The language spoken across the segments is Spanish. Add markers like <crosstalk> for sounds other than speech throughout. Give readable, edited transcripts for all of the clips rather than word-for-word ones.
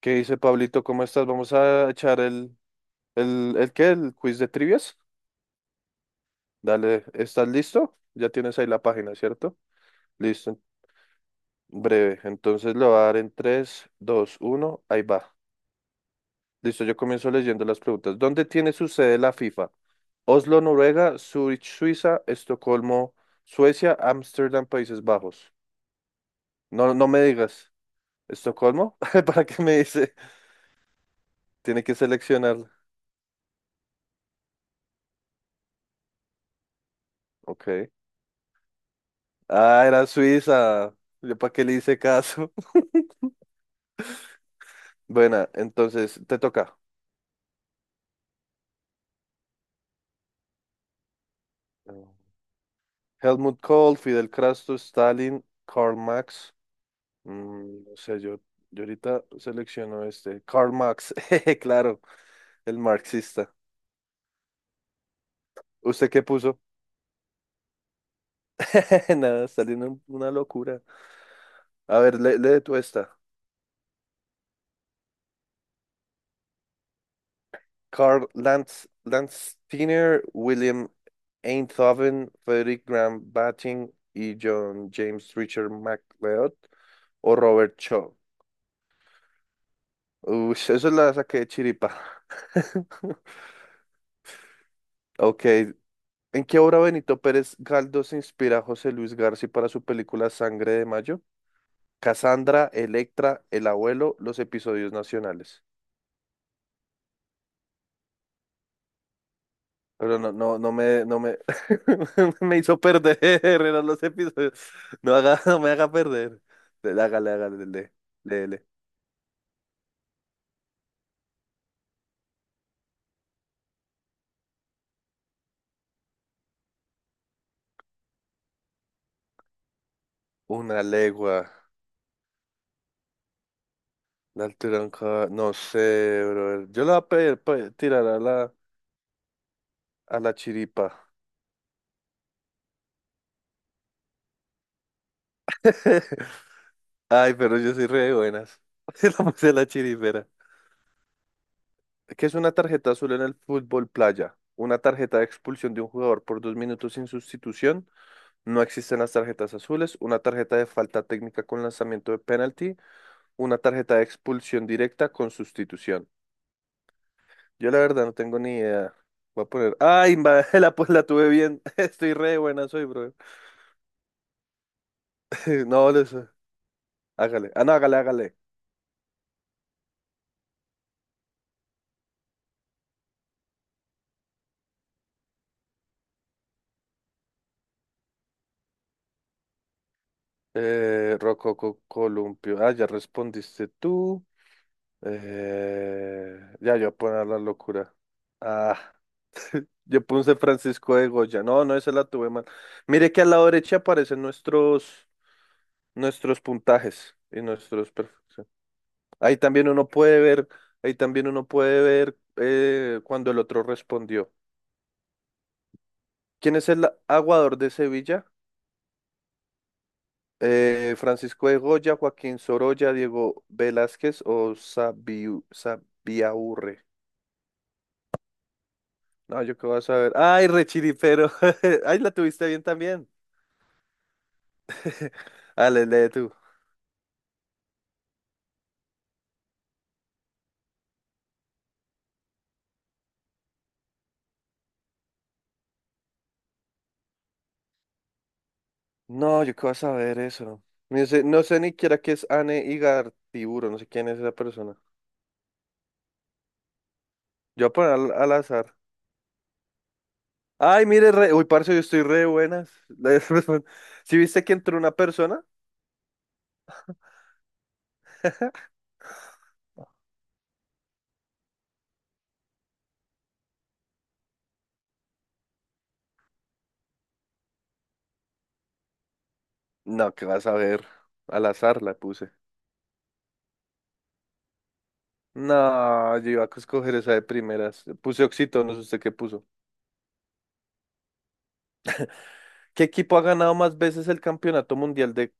¿Qué dice Pablito? ¿Cómo estás? Vamos a echar el quiz de trivias. Dale, ¿estás listo? Ya tienes ahí la página, ¿cierto? Listo, breve. Entonces lo va a dar en tres, dos, uno, ahí va. Listo, yo comienzo leyendo las preguntas. ¿Dónde tiene su sede la FIFA? Oslo, Noruega; Zurich, Suiza; Estocolmo, Suecia; Ámsterdam, Países Bajos. No, no me digas. ¿Estocolmo? <laughs> ¿Para qué me dice? Tiene que seleccionar. Ok. Ah, era Suiza. ¿Yo para qué le hice caso? Buena, entonces te toca. Helmut Kohl, Fidel Castro, Stalin, Karl Marx. No sé, yo ahorita selecciono este. Karl Marx, <laughs> jeje, claro, el marxista. ¿Usted qué puso? <laughs> Nada, Stalin, una locura. A ver, lee, lee tú esta. Karl Lanz, Tiner, William Einthoven, Frederick Graham Batting y John James Richard MacLeod o Robert Shaw. Uy, eso la saqué de chiripa. <laughs> Ok, ¿en qué obra Benito Pérez Galdós se inspira José Luis García para su película Sangre de Mayo? Cassandra, Electra, El Abuelo, los episodios nacionales. Pero no, no, no me <laughs> me hizo perder, eran los episodios. No haga, <laughs> no me haga perder. Dele, hágale, lee, léele. Una legua, la altura de un no sé, bro. Yo la voy a tirar a la chiripa. <laughs> Ay, pero yo soy re de buenas. <laughs> Se la puse a la chirifera. ¿Qué es una tarjeta azul en el fútbol playa? Una tarjeta de expulsión de un jugador por 2 minutos sin sustitución. No existen las tarjetas azules. Una tarjeta de falta técnica con lanzamiento de penalti. Una tarjeta de expulsión directa con sustitución. Yo la verdad no tengo ni idea. Voy a poner. <laughs> Pues la tuve bien. <laughs> Estoy re de buenas hoy, bro. <laughs> No, les... hágale. Ah, no, hágale, hágale. Rococo Columpio. Ah, ya respondiste tú. Ya yo voy a poner la locura. Ah, yo puse Francisco de Goya. No, no, esa la tuve mal. Mire que a la derecha aparecen nuestros puntajes y nuestros perfecciones. Ahí también uno puede ver, ahí también uno puede ver cuando el otro respondió. ¿Quién es el aguador de Sevilla? Francisco de Goya, Joaquín Sorolla, Diego Velázquez o Sabiu, Sabiaurre. No, yo qué vas a ver. Ay, rechiripero. <laughs> Ay, la tuviste bien también. Ale, lee tú. No, yo qué vas a ver eso. No sé ni siquiera qué es Anne Igartiburu, no sé quién es esa persona. Yo voy a poner al azar. Ay, mire, re... uy, parce, yo estoy re de buenas. <laughs> ¿Sí viste que entró una persona? No, qué vas a ver. Al azar la puse. No, yo iba a escoger esa de primeras. Puse Oxito, no sé usted qué puso. ¿Qué equipo ha ganado más veces el Campeonato Mundial de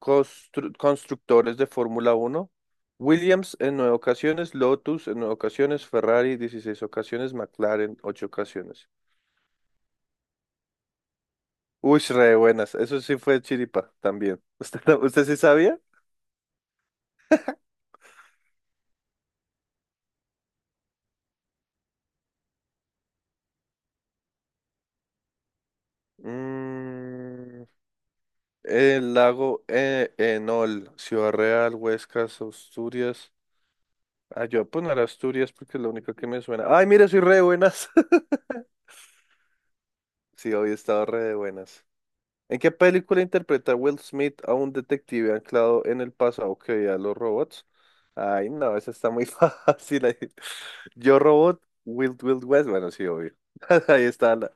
constructores de Fórmula Uno? Williams en nueve ocasiones, Lotus en nueve ocasiones, Ferrari 16 ocasiones, McLaren ocho ocasiones. Uy, re buenas. Eso sí fue chiripa también. ¿Usted, <laughs> usted sí sabía? Mm, el lago Enol, Ciudad Real, Huescas, Asturias. Ah, yo voy a poner Asturias porque es la única que me suena. Ay, mira, soy re de buenas. <laughs> Sí, hoy he estado re de buenas. ¿En qué película interpreta Will Smith a un detective anclado en el pasado que veía a los robots? Ay, no, esa está muy <laughs> fácil ahí. Yo Robot, Wild Wild West. Bueno, sí, obvio. <laughs> Ahí está la,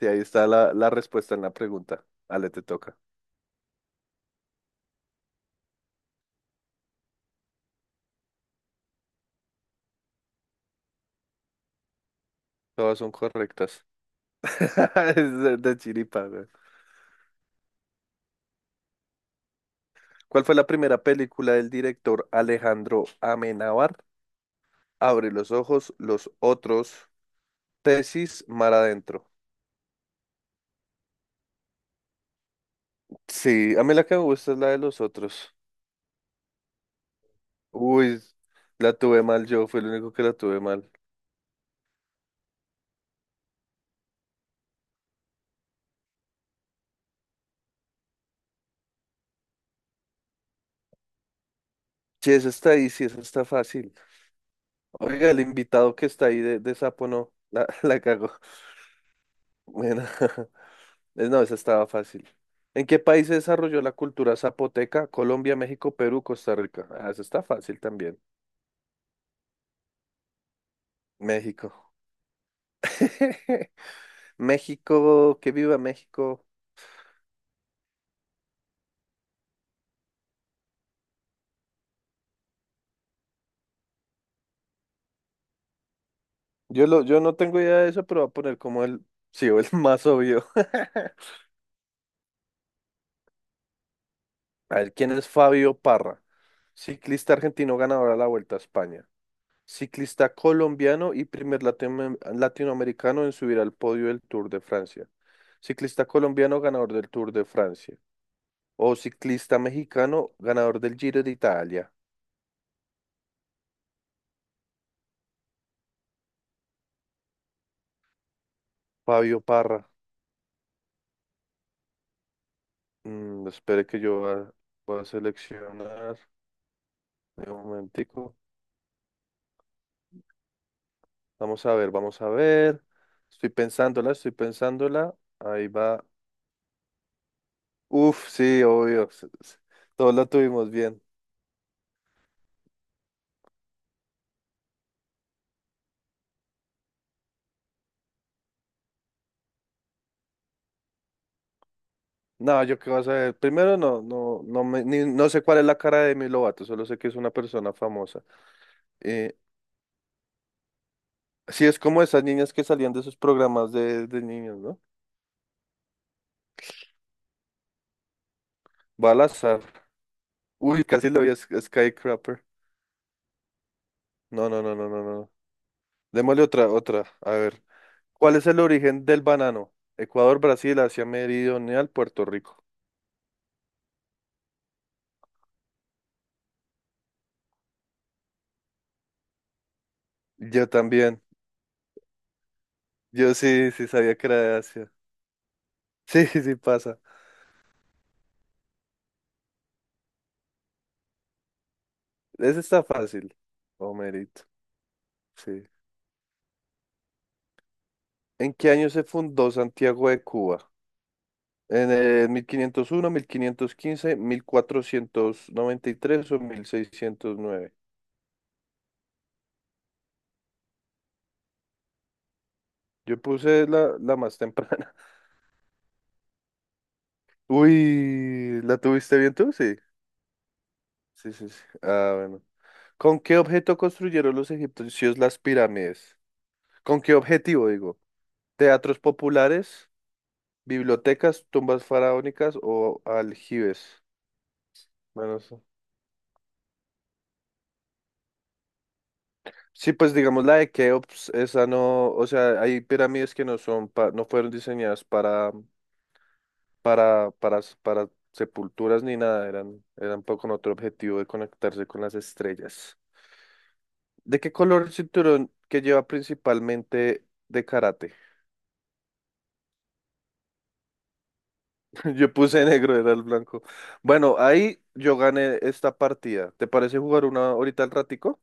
sí, ahí está la respuesta en la pregunta. Ale, te toca. Todas son correctas. <laughs> Es de chiripa, güey. ¿Cuál fue la primera película del director Alejandro Amenábar? Abre los ojos, los otros. Tesis, mar adentro. Sí, a mí la que me gusta es la de los otros. Uy, la tuve mal yo, fue el único que la tuve mal. Sí, esa está ahí, sí, esa está fácil. Oiga, el invitado que está ahí de sapo no, la, <laughs> la cagó. Bueno, <laughs> no, esa estaba fácil. ¿En qué país se desarrolló la cultura zapoteca? Colombia, México, Perú, Costa Rica. Ah, esa está fácil también. México. <laughs> México, que viva México. Yo no tengo idea de eso, pero voy a poner como sí, o el más obvio. <laughs> A ver, ¿quién es Fabio Parra? Ciclista argentino ganador a la Vuelta a España. Ciclista colombiano y primer latinoamericano en subir al podio del Tour de Francia. Ciclista colombiano ganador del Tour de Francia. O ciclista mexicano ganador del Giro de Italia. Fabio Parra. Espere que voy a seleccionar. Un momentico. Vamos a ver, vamos a ver. Estoy pensándola, estoy pensándola. Ahí va. Uf, sí, obvio. <laughs> Todos la tuvimos bien. No, yo qué vas a ver. Primero, no, no, no, no sé cuál es la cara de Demi Lovato, solo sé que es una persona famosa. Eh, sí, es como esas niñas que salían de esos programas de niños, ¿no? Balazar. Uy, casi lo vi a Skycrapper. No, no, no, no, no, no. Démosle otra, otra. A ver. ¿Cuál es el origen del banano? Ecuador, Brasil, Asia Meridional, Puerto Rico. Yo también. Sí sabía que era de Asia. Sí, <laughs> sí pasa. Ese está fácil. Homerito. Sí. ¿En qué año se fundó Santiago de Cuba? ¿En el 1501, 1515, 1493 o 1609? Yo puse la más temprana. <laughs> Uy, ¿la tuviste bien tú? Sí. Sí, sí, sí. Ah, bueno. ¿Con qué objeto construyeron los egipcios las pirámides? ¿Con qué objetivo, digo? ¿Teatros populares, bibliotecas, tumbas faraónicas o aljibes? Bueno, sí. Sí, pues digamos la de Keops, esa no, o sea, hay pirámides que no son no fueron diseñadas para para sepulturas ni nada, eran con otro objetivo de conectarse con las estrellas. ¿De qué color el cinturón que lleva principalmente de karate? <laughs> Yo puse negro, era el blanco. Bueno, ahí yo gané esta partida. ¿Te parece jugar una ahorita al ratico?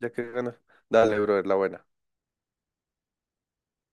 Ya que ganas. Dale, bro, es la buena.